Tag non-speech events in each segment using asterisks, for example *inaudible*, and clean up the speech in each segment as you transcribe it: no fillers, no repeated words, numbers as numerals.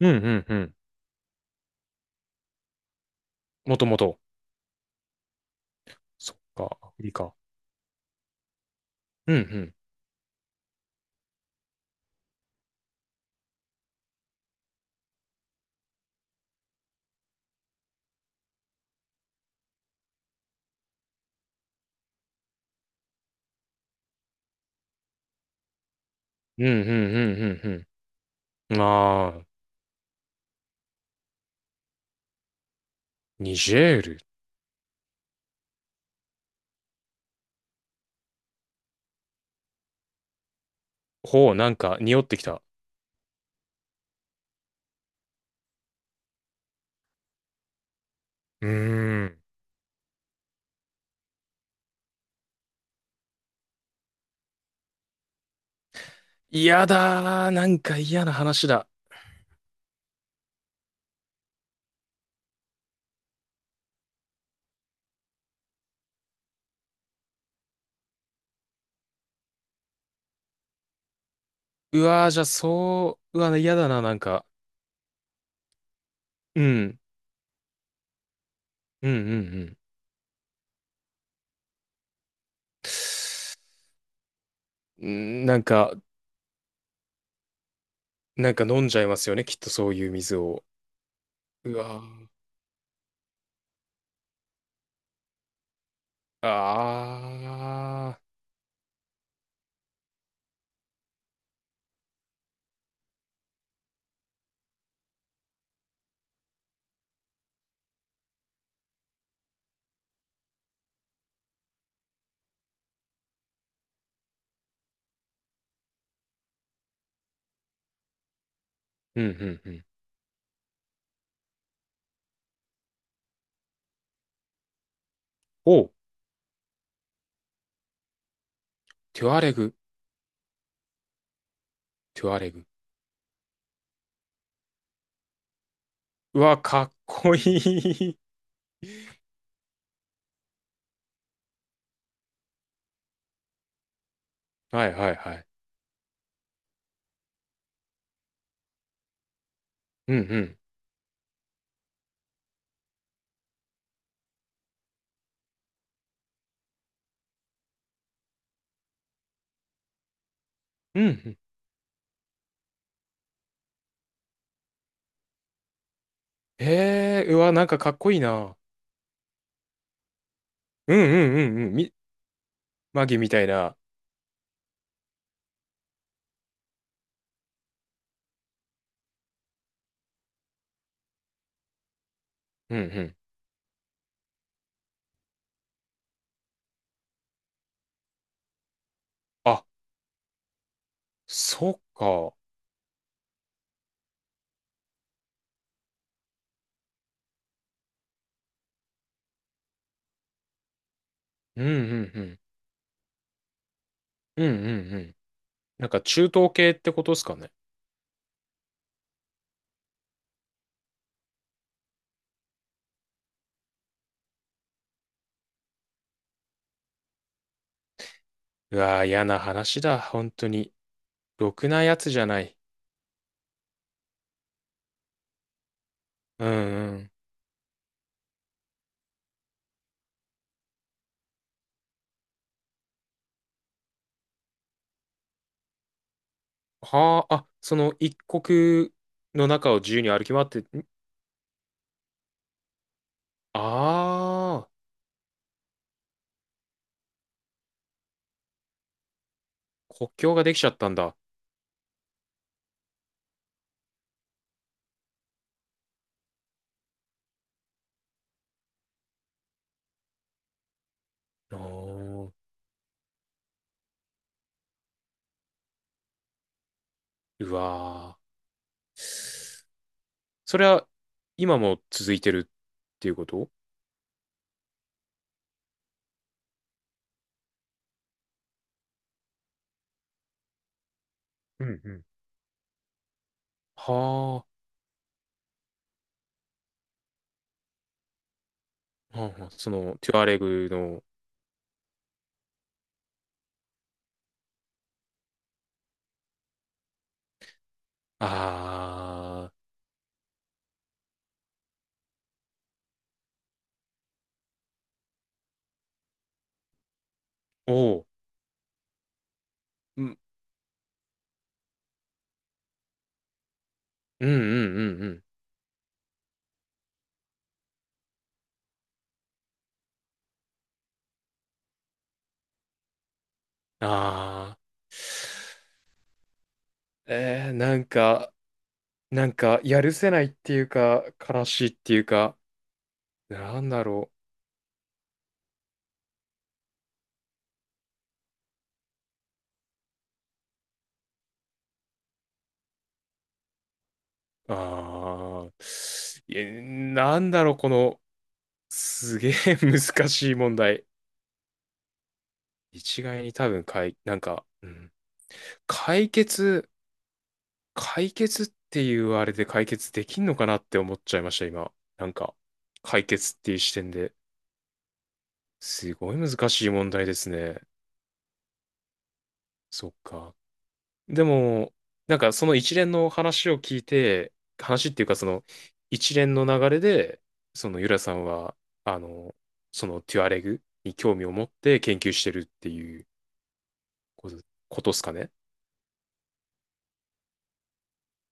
うんうんうん。もともと。そっか、アフリカ。うんうん。うんうんうんうんうん。まあ、ニジェール。ほう、なんか匂ってきた。うーん。嫌だー。なんか嫌な話だ。うわー、じゃあそう、うわ、嫌だな、なんか。うん。うんうんうん。んーなんか、なんか飲んじゃいますよね、きっとそういう水を。うわー。あー。うんうんうん。おう、テュアレグ、テュアレグ。うわ、かっこいい。はいはいはい。うんうん。うんうん。へえうわ、なんかかっこいいな。うんうんうんうん。み、マギみたいな。うんうん。あ、そっか。うんうんうん。うんうんうん。なんか中東系ってことですかね。うわー、嫌な話だ。本当に。ろくなやつじゃない。うんうん。はあ、あ、その一国の中を自由に歩き回って、んああー、国境ができちゃったんだ。おー、うわー。それは今も続いてるっていうこと？うんうん、はあ、はあはあ、その、トゥアレグの、ああ、おう、うん、うんうんうんうん、ああ、えー、なんか、なんか、やるせないっていうか、悲しいっていうか、なんだろう、ああ、いやなんだろう、この、すげえ *laughs* 難しい問題。一概に多分、かい、なんか、うん、解決、解決っていうあれで解決できんのかなって思っちゃいました、今。なんか、解決っていう視点で。すごい難しい問題ですね。そっか。でも、なんかその一連の話を聞いて、話っていうかその一連の流れで、そのユラさんは、あの、そのテュアレグに興味を持って研究してるっていうことことっすかね。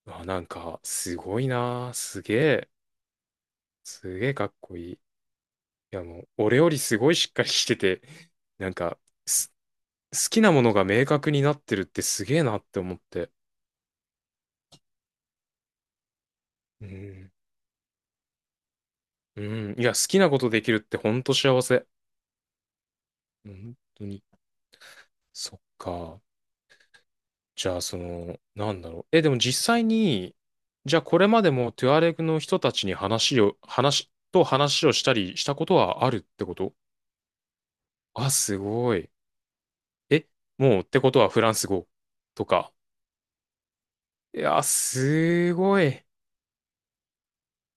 あ、なんか、すごいなあすげえ、すげえかっこいい。いやもう、俺よりすごいしっかりしてて、なんか、す、好きなものが明確になってるってすげえなって思って。うん。うん。いや、好きなことできるってほんと幸せ。本当に。そっか。じゃあ、その、なんだろう。え、でも実際に、じゃあこれまでもトゥアレクの人たちに話を、話、と話をしたりしたことはあるってこと？あ、すごい。え、もうってことはフランス語とか。いや、すごい。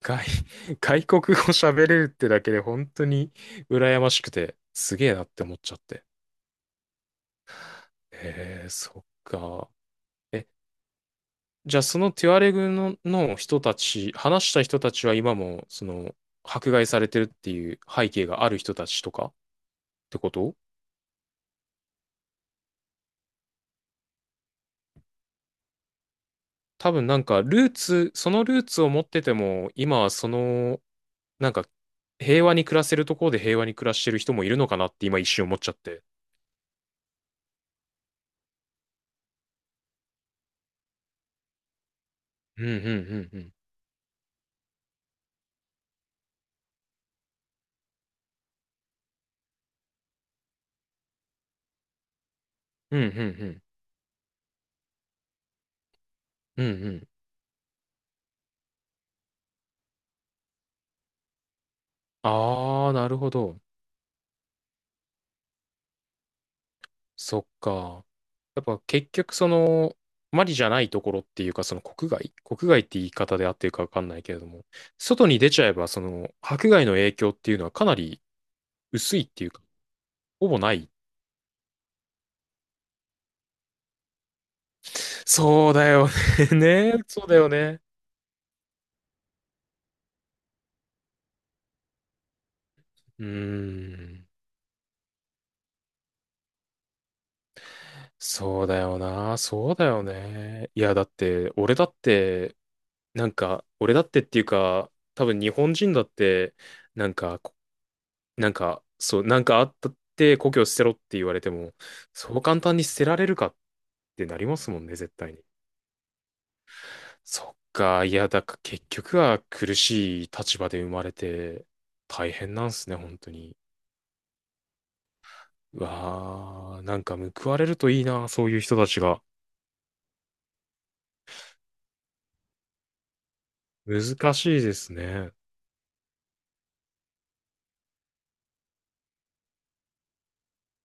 外、*laughs* 外国語喋れるってだけで本当に羨ましくて、すげえなって思っちゃって。えー、そっか。え、じゃあそのテュアレグの、の人たち、話した人たちは今も、その、迫害されてるっていう背景がある人たちとかってこと？多分なんかルーツ、そのルーツを持ってても、今はその、なんか平和に暮らせるところで平和に暮らしてる人もいるのかなって今一瞬思っちゃって。うんうんうんうん。うんうんうん。うんうん、ああ、なるほど。そっか。やっぱ結局その、マリじゃないところっていうか、その国外国外って言い方で合ってるかわかんないけれども、外に出ちゃえば、その、迫害の影響っていうのはかなり薄いっていうか、ほぼない。そうだよね。*laughs* ね。そうだよね。うーん。そうだよな。そうだよね。いや、だって、俺だって、なんか、俺だってっていうか、多分日本人だって、なんかなんか、そう、なんかあったって故郷捨てろって言われても、そう簡単に捨てられるかってなりますもんね、絶対に。そっか、いや、だから結局は苦しい立場で生まれて大変なんすね、本当に。うわー、なんか報われるといいな、そういう人たちが。難しいですね。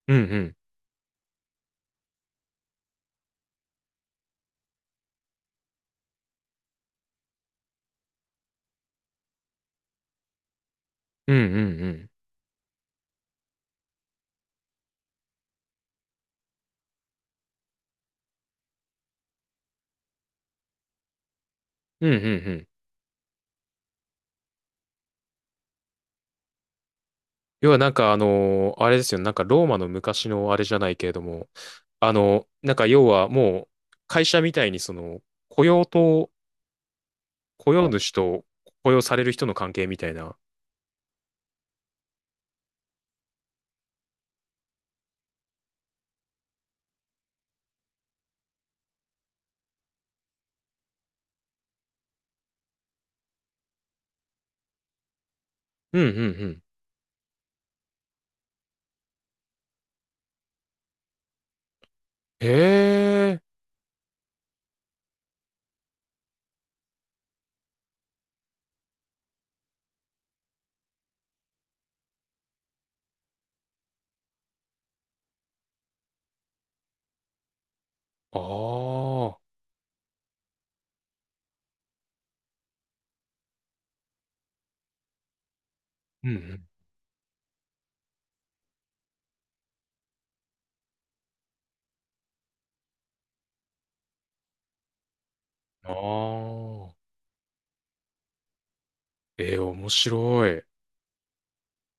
うんうん。うんうんうん。うんうんうん。要はなんかあの、あれですよね。なんかローマの昔のあれじゃないけれども、あの、なんか要はもう会社みたいにその雇用と、雇用主と雇用される人の関係みたいな。うんうんうん。へえ、ああ、うんうん。ああ、ええ、面白い。